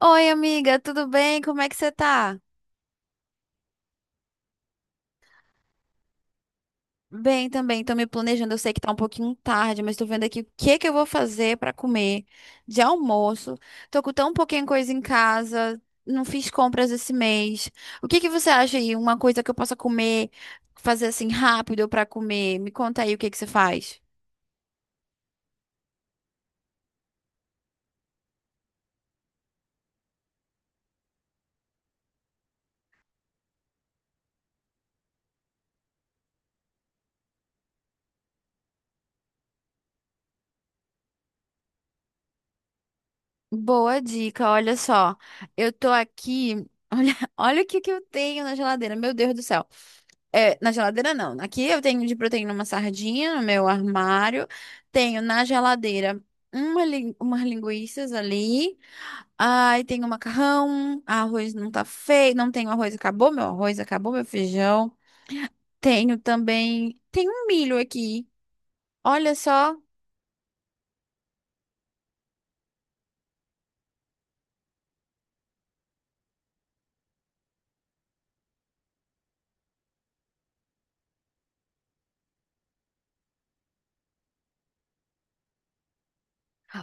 Oi, amiga, tudo bem? Como é que você tá? Bem também, tô me planejando. Eu sei que tá um pouquinho tarde, mas tô vendo aqui o que que eu vou fazer pra comer de almoço. Tô com tão pouquinha coisa em casa, não fiz compras esse mês. O que que você acha aí? Uma coisa que eu possa comer, fazer assim rápido pra comer? Me conta aí o que que você faz. Boa dica, olha só. Eu tô aqui. Olha, olha o que que eu tenho na geladeira, meu Deus do céu. É, na geladeira não. Aqui eu tenho de proteína uma sardinha no meu armário. Tenho na geladeira uma, umas linguiças ali. Ai, tenho macarrão. Arroz não tá feio. Não tenho arroz, acabou meu feijão. Tenho também. Tem um milho aqui. Olha só.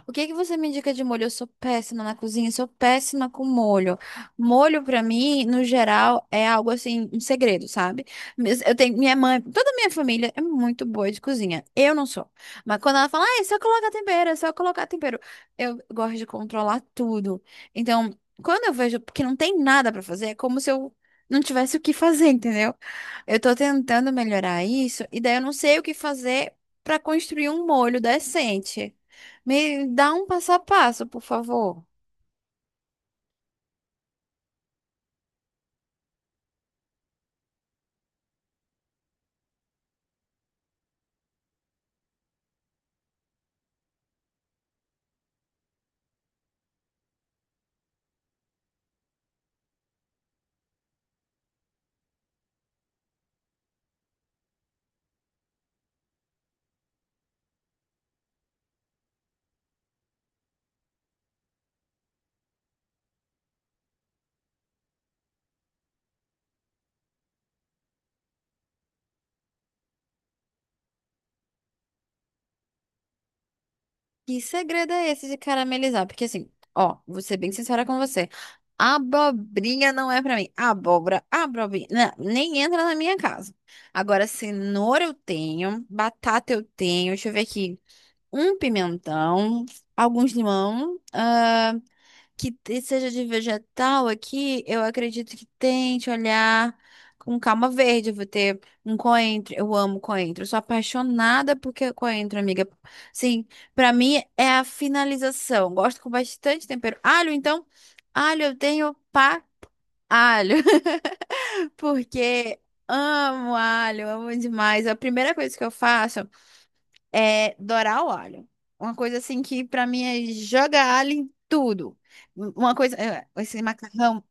O que que você me indica de molho? Eu sou péssima na cozinha, sou péssima com molho. Molho, pra mim, no geral, é algo assim, um segredo, sabe? Mas eu tenho minha mãe, toda a minha família é muito boa de cozinha. Eu não sou. Mas quando ela fala, ah, é só colocar tempero, é só colocar tempero. Eu gosto de controlar tudo. Então, quando eu vejo que não tem nada pra fazer, é como se eu não tivesse o que fazer, entendeu? Eu tô tentando melhorar isso, e daí eu não sei o que fazer pra construir um molho decente. Me dá um passo a passo, por favor. Que segredo é esse de caramelizar? Porque assim, ó, vou ser bem sincera com você. Abobrinha não é pra mim. Abóbora, abobrinha, não, nem entra na minha casa. Agora, cenoura eu tenho, batata eu tenho, deixa eu ver aqui. Um pimentão, alguns limão, ah, seja de vegetal aqui, eu acredito que tente olhar com calma verde. Eu vou ter um coentro. Eu amo coentro. Eu sou apaixonada por coentro, amiga. Sim, pra mim é a finalização. Gosto com bastante tempero. Alho, então, alho eu tenho pra alho, porque amo alho, amo demais. É a primeira coisa que eu faço é dourar o alho. Uma coisa assim que pra mim é jogar alho em tudo. Uma coisa, é, esse macarrão,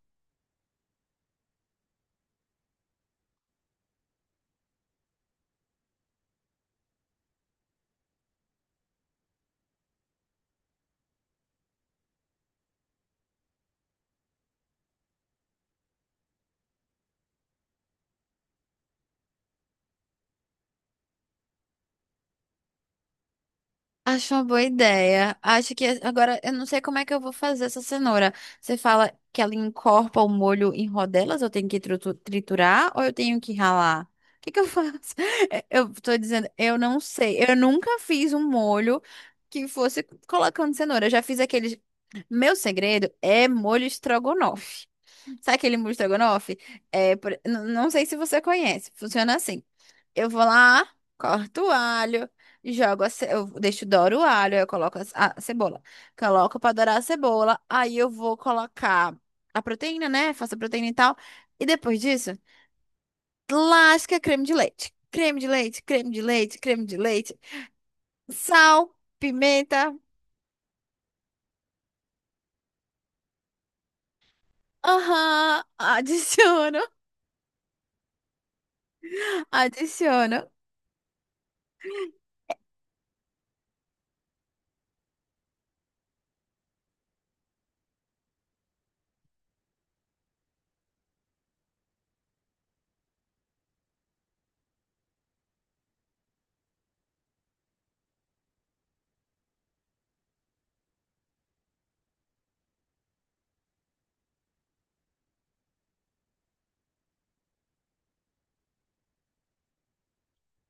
acho uma boa ideia. Acho que agora eu não sei como é que eu vou fazer essa cenoura. Você fala que ela encorpa o molho em rodelas, eu tenho que triturar ou eu tenho que ralar? O que que eu faço? É, eu tô dizendo, eu não sei. Eu nunca fiz um molho que fosse colocando cenoura. Eu já fiz aqueles. Meu segredo é molho estrogonofe. Sabe aquele mousse estrogonofe? É, não sei se você conhece. Funciona assim. Eu vou lá, corto o alho, eu deixo dourar o alho, aí eu coloco a a cebola. Coloco para dourar a cebola, aí eu vou colocar a proteína, né? Faço a proteína e tal. E depois disso, lasca creme de leite. Creme de leite. Sal, pimenta. Aham, adiciono, adiciono.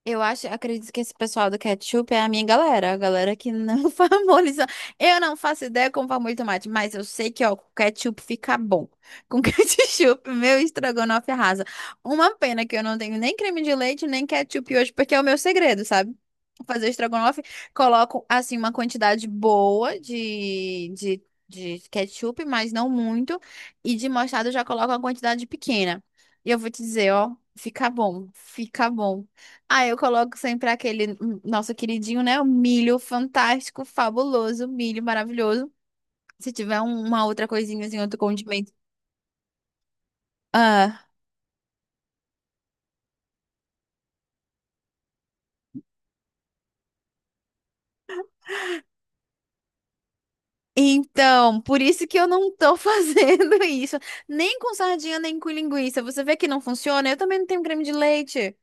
Eu acho, acredito que esse pessoal do ketchup é a minha galera, a galera que não famoliza. Eu não faço ideia como famulho tomate, mas eu sei que, ó, com ketchup fica bom. Com ketchup, meu estrogonofe arrasa. Uma pena que eu não tenho nem creme de leite, nem ketchup hoje, porque é o meu segredo, sabe? Fazer estrogonofe, coloco, assim, uma quantidade boa de ketchup, mas não muito. E de mostarda eu já coloco uma quantidade pequena. E eu vou te dizer, ó, fica bom. Ah, eu coloco sempre aquele nosso queridinho, né? O milho fantástico, fabuloso, milho maravilhoso. Se tiver uma outra coisinha assim, outro condimento. Ah, então, por isso que eu não tô fazendo isso. Nem com sardinha, nem com linguiça. Você vê que não funciona? Eu também não tenho creme de leite.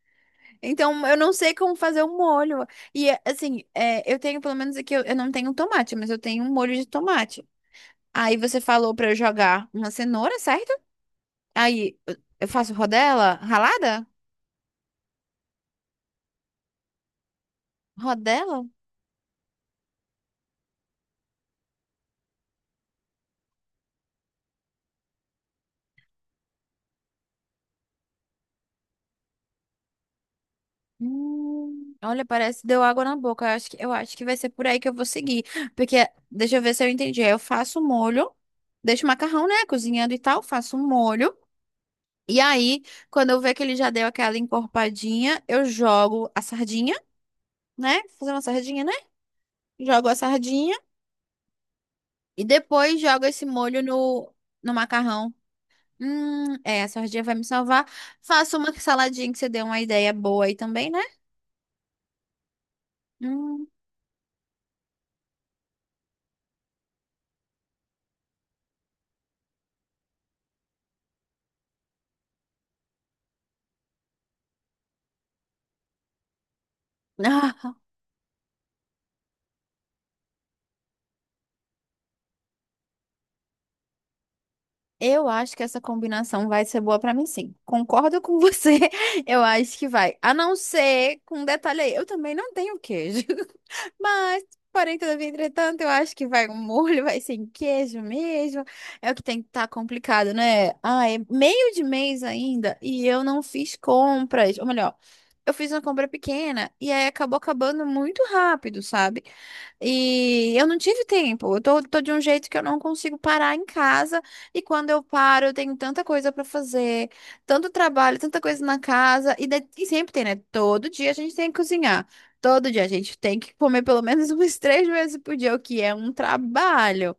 Então, eu não sei como fazer o molho. E, é, assim, é, eu tenho, pelo menos aqui, eu não tenho tomate, mas eu tenho um molho de tomate. Aí você falou pra eu jogar uma cenoura, certo? Aí eu faço rodela ralada? Rodela? Olha, parece que deu água na boca. Eu acho que vai ser por aí que eu vou seguir. Porque, deixa eu ver se eu entendi. Aí eu faço o molho, deixo o macarrão, né, cozinhando e tal, faço o molho. E aí, quando eu ver que ele já deu aquela encorpadinha, eu jogo a sardinha, né? Fazer uma sardinha, né? Jogo a sardinha e depois jogo esse molho no, no macarrão. É, a sardinha vai me salvar. Faça uma saladinha que você deu uma ideia boa aí também, né? Hum. Ah, eu acho que essa combinação vai ser boa pra mim, sim. Concordo com você. Eu acho que vai. A não ser com um detalhe aí. Eu também não tenho queijo. Mas, porém, todavia, entretanto, eu acho que vai um molho, vai sem queijo mesmo. É o que tem que estar complicado, né? Ah, é meio de mês ainda e eu não fiz compras. Ou melhor, eu fiz uma compra pequena e aí acabou acabando muito rápido, sabe? E eu não tive tempo. Tô de um jeito que eu não consigo parar em casa. E quando eu paro, eu tenho tanta coisa pra fazer, tanto trabalho, tanta coisa na casa. E, e sempre tem, né? Todo dia a gente tem que cozinhar. Todo dia a gente tem que comer pelo menos umas três vezes por dia, o que é um trabalho.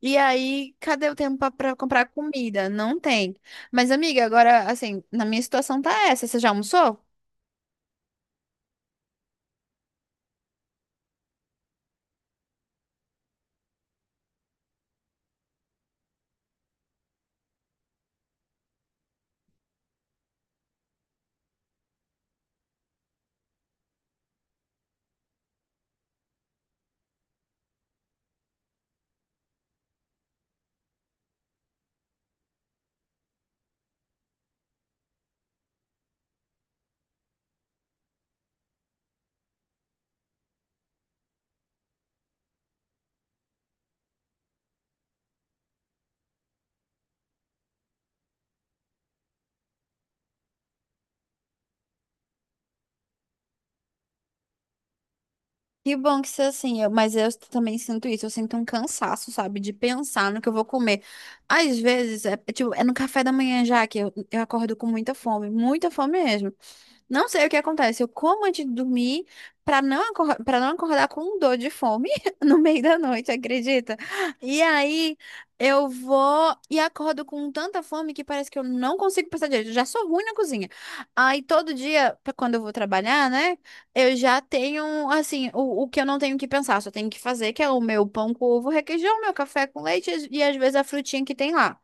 E aí, cadê o tempo para comprar comida? Não tem. Mas, amiga, agora, assim, na minha situação tá essa. Você já almoçou? Que bom que você, assim, mas eu também sinto isso. Eu sinto um cansaço, sabe, de pensar no que eu vou comer. Às vezes, é, é tipo, é no café da manhã já que eu acordo com muita fome mesmo. Não sei o que acontece. Eu como antes de dormir para não para não acordar com dor de fome no meio da noite, acredita? E aí eu vou e acordo com tanta fome que parece que eu não consigo pensar direito. Eu já sou ruim na cozinha. Aí todo dia, pra quando eu vou trabalhar, né, eu já tenho assim, o que eu não tenho que pensar, só tenho que fazer, que é o meu pão com ovo, requeijão, meu café com leite e às vezes a frutinha que tem lá.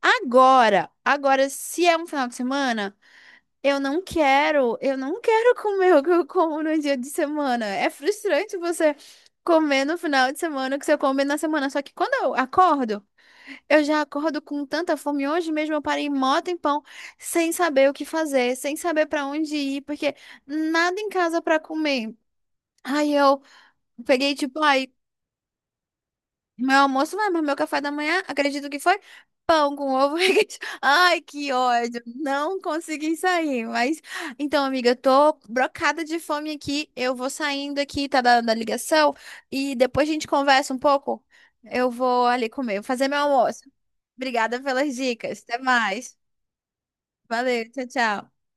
Agora, se é um final de semana. Eu não quero comer o que eu como no dia de semana. É frustrante você comer no final de semana o que você come na semana. Só que quando eu acordo, eu já acordo com tanta fome. Hoje mesmo eu parei mó tempão sem saber o que fazer, sem saber pra onde ir, porque nada em casa pra comer. Aí eu peguei, tipo, ai, meu almoço vai, mas meu café da manhã, acredito que foi pão com ovo. Requeijão. Ai, que ódio. Não consegui sair, mas então, amiga, eu tô brocada de fome aqui. Eu vou saindo aqui, tá dando a ligação e depois a gente conversa um pouco. Eu vou ali comer, fazer meu almoço. Obrigada pelas dicas. Até mais. Valeu, tchau, tchau.